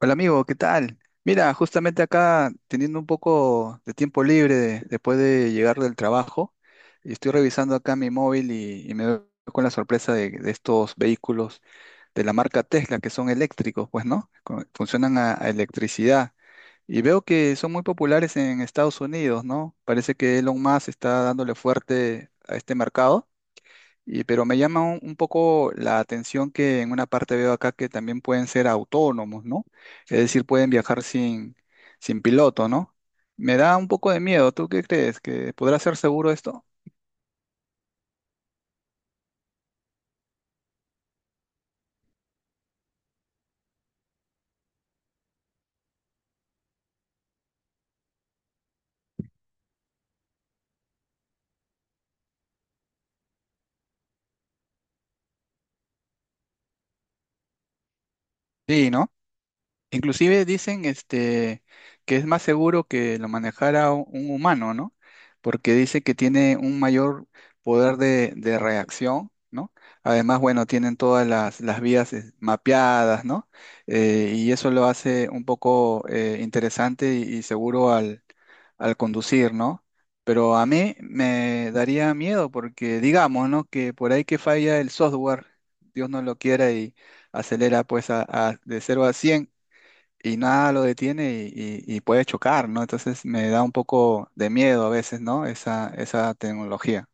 Hola amigo, ¿qué tal? Mira, justamente acá teniendo un poco de tiempo libre después de llegar del trabajo, y estoy revisando acá mi móvil y me doy con la sorpresa de estos vehículos de la marca Tesla que son eléctricos, pues, ¿no? Funcionan a electricidad y veo que son muy populares en Estados Unidos, ¿no? Parece que Elon Musk está dándole fuerte a este mercado y, pero me llama un poco la atención que en una parte veo acá que también pueden ser autónomos, ¿no? Es decir, pueden viajar sin piloto, ¿no? Me da un poco de miedo. ¿Tú qué crees? ¿Que podrá ser seguro esto? Sí, ¿no? Inclusive dicen que es más seguro que lo manejara un humano, ¿no? Porque dice que tiene un mayor poder de reacción, ¿no? Además, bueno, tienen todas las vías mapeadas, ¿no? Y eso lo hace un poco interesante y seguro al conducir, ¿no? Pero a mí me daría miedo porque digamos, ¿no? Que por ahí que falla el software, Dios no lo quiera y acelera pues de 0 a 100 y nada lo detiene y puede chocar, ¿no? Entonces me da un poco de miedo a veces, ¿no? Esa tecnología.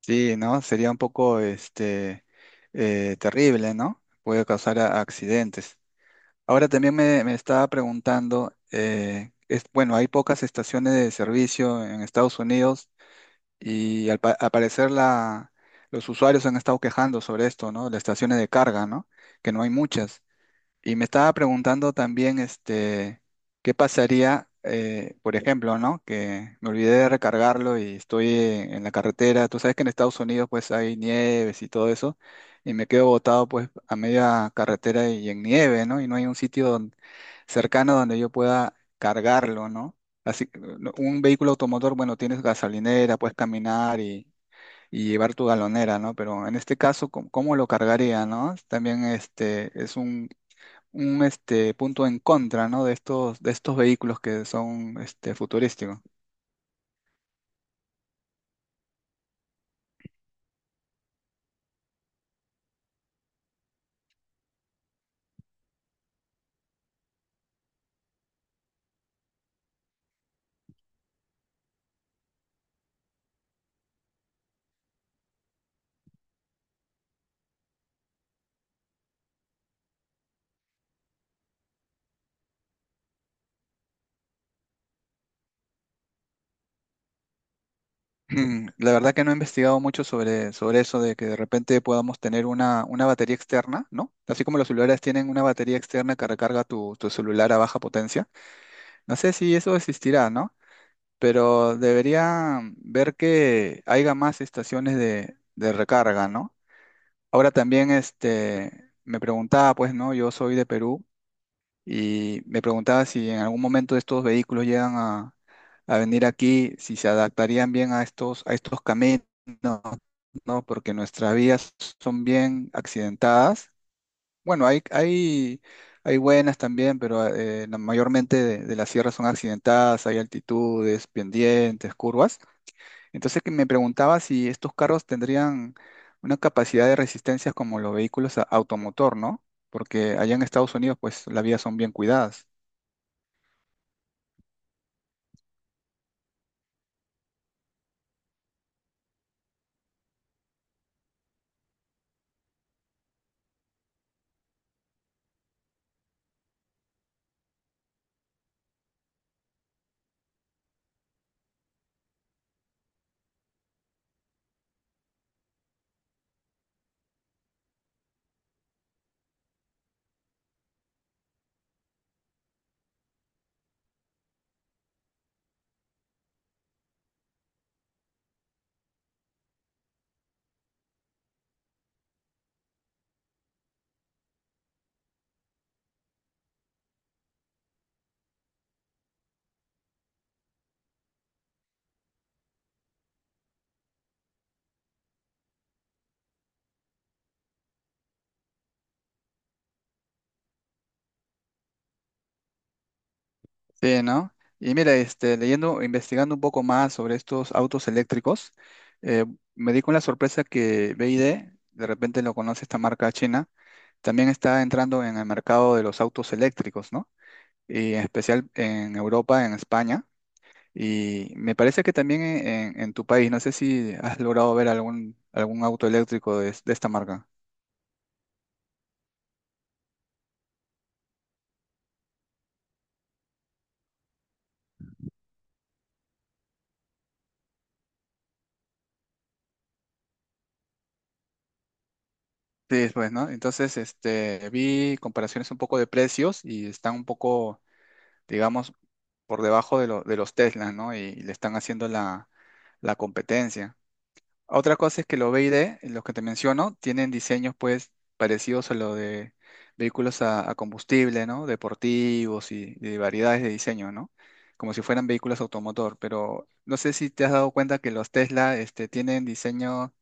Sí, ¿no? Sería un poco terrible, ¿no? Puede causar accidentes. Ahora también me estaba preguntando, es, bueno, hay pocas estaciones de servicio en Estados Unidos y al parecer los usuarios han estado quejando sobre esto, ¿no? Las estaciones de carga, ¿no? Que no hay muchas. Y me estaba preguntando también, qué pasaría, por ejemplo, ¿no? Que me olvidé de recargarlo y estoy en la carretera. Tú sabes que en Estados Unidos pues hay nieves y todo eso, y me quedo botado pues a media carretera y en nieve, ¿no? Y no hay un sitio cercano donde yo pueda cargarlo, ¿no? Así, que, no, un vehículo automotor, bueno, tienes gasolinera, puedes caminar y llevar tu galonera, ¿no? Pero en este caso, ¿cómo lo cargaría, ¿no? También este es un punto en contra, ¿no? De estos vehículos que son futurísticos. La verdad que no he investigado mucho sobre eso de que de repente podamos tener una batería externa, ¿no? Así como los celulares tienen una batería externa que recarga tu celular a baja potencia. No sé si eso existirá, ¿no? Pero debería ver que haya más estaciones de recarga, ¿no? Ahora también me preguntaba, pues, ¿no? Yo soy de Perú y me preguntaba si en algún momento estos vehículos llegan a venir aquí, si se adaptarían bien a a estos caminos, ¿no? Porque nuestras vías son bien accidentadas. Bueno, hay buenas también, pero mayormente de las sierras son accidentadas, hay altitudes, pendientes, curvas. Entonces que me preguntaba si estos carros tendrían una capacidad de resistencia como los vehículos automotor, ¿no? Porque allá en Estados Unidos, pues las vías son bien cuidadas. Sí, ¿no? Y mira, leyendo, investigando un poco más sobre estos autos eléctricos, eh, me di con la sorpresa que BYD, de repente lo conoce esta marca china, también está entrando en el mercado de los autos eléctricos, ¿no? Y en especial en Europa, en España. Y me parece que también en tu país, no sé si has logrado ver algún auto eléctrico de esta marca. Sí, pues, ¿no? Entonces, vi comparaciones un poco de precios y están un poco, digamos, por debajo de los Teslas, ¿no? Y le están haciendo la competencia. Otra cosa es que los B y D, los que te menciono, tienen diseños pues parecidos a los de vehículos a combustible, ¿no? Deportivos y de variedades de diseño, ¿no? Como si fueran vehículos automotor, pero no sé si te has dado cuenta que los Tesla tienen diseño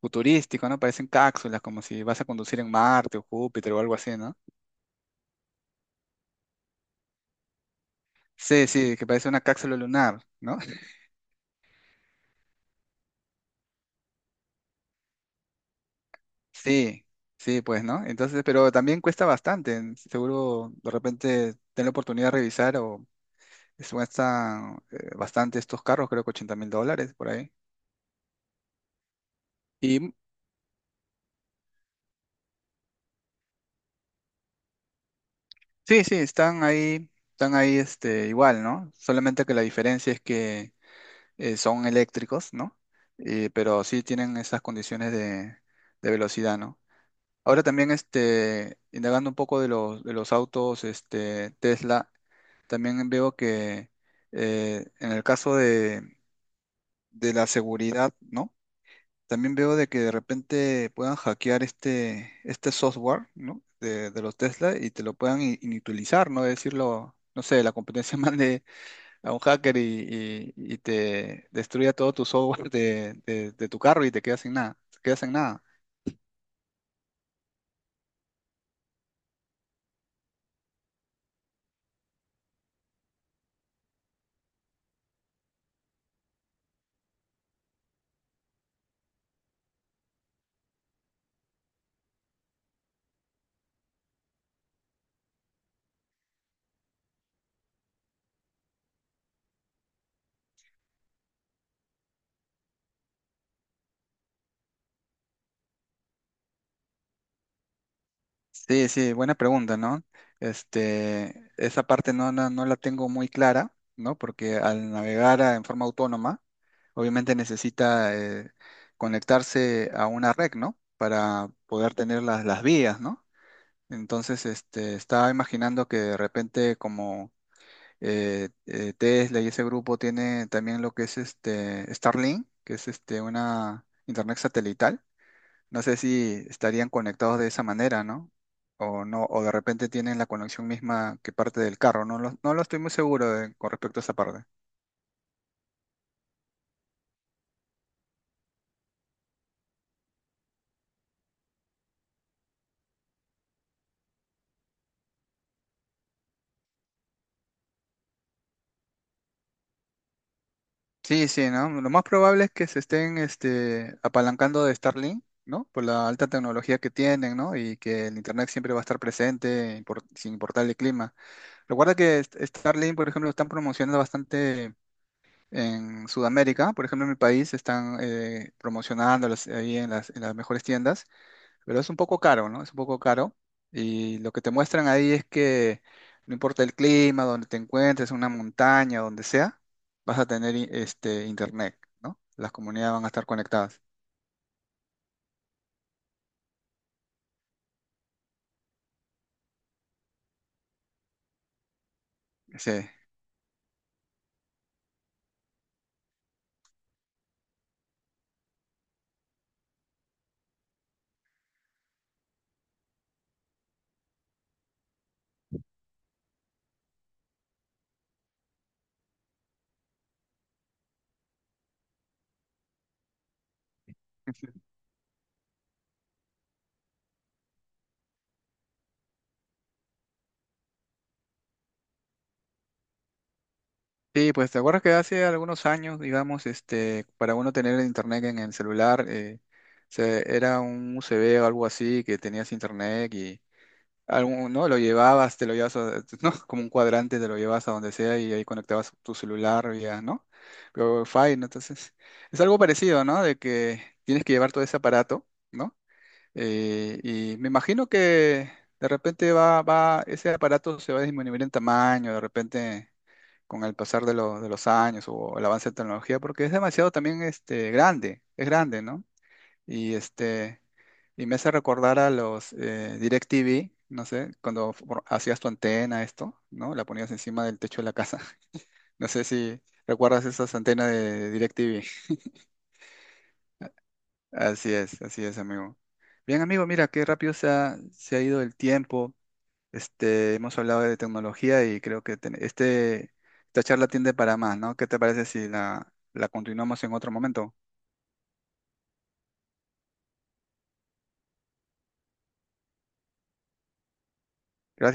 futurístico, ¿no? Parecen cápsulas, como si vas a conducir en Marte o Júpiter o algo así, ¿no? Sí, sí, que parece una cápsula lunar, ¿no? Sí, sí, pues, ¿no? Entonces, pero también cuesta bastante. Seguro de repente ten la oportunidad de revisar o cuestan bastante estos carros, creo que $80,000 por ahí. Y sí, sí, están ahí igual, ¿no? Solamente que la diferencia es que son eléctricos, ¿no? Pero sí tienen esas condiciones de velocidad, ¿no? Ahora también, indagando un poco de de los autos, Tesla. También veo que en el caso de la seguridad, ¿no? También veo de que de repente puedan hackear este software, ¿no? De los Tesla y te lo puedan inutilizar, ¿no? Decirlo, no sé, la competencia mande a un hacker y te destruya todo tu software de tu carro y te quedas sin nada, te quedas sin nada. Sí, sí, buena pregunta, ¿no? Este, esa parte no la tengo muy clara, ¿no? Porque al navegar en forma autónoma, obviamente necesita conectarse a una red, ¿no? Para poder tener las vías, ¿no? Entonces, estaba imaginando que de repente como Tesla y ese grupo tiene también lo que es este Starlink, que es este una internet satelital. No sé si estarían conectados de esa manera, ¿no? O no, o de repente tienen la conexión misma que parte del carro, no no lo estoy muy seguro con respecto a esa parte. Sí, sí, ¿no? Lo más probable es que se estén apalancando de Starlink, ¿no? Por la alta tecnología que tienen, ¿no? Y que el Internet siempre va a estar presente sin importar el clima. Recuerda que Starlink, por ejemplo, lo están promocionando bastante en Sudamérica. Por ejemplo, en mi país están promocionándolos ahí en en las mejores tiendas. Pero es un poco caro, ¿no? Es un poco caro. Y lo que te muestran ahí es que no importa el clima, donde te encuentres, una montaña, donde sea, vas a tener este internet, ¿no? Las comunidades van a estar conectadas. Sí. Sí, pues te acuerdas que hace algunos años, digamos, para uno tener internet en el celular, era un USB o algo así que tenías internet y algún, ¿no? Lo llevabas, te lo llevas ¿no? Como un cuadrante, te lo llevas a donde sea y ahí conectabas tu celular vía, ¿no? Vía Wi-Fi, ¿no? Entonces, es algo parecido, ¿no? De que tienes que llevar todo ese aparato, ¿no? Y me imagino que de repente ese aparato se va a disminuir en tamaño, de repente con el pasar de los años o el avance de tecnología, porque es demasiado también es grande, ¿no? Y y me hace recordar a los DirecTV, no sé, cuando hacías tu antena, esto, ¿no? La ponías encima del techo de la casa. No sé si recuerdas esas antenas de DirecTV. Así es, amigo. Bien, amigo, mira qué rápido se ha ido el tiempo. Hemos hablado de tecnología y creo que esta charla tiende para más, ¿no? ¿Qué te parece si la continuamos en otro momento? Gracias.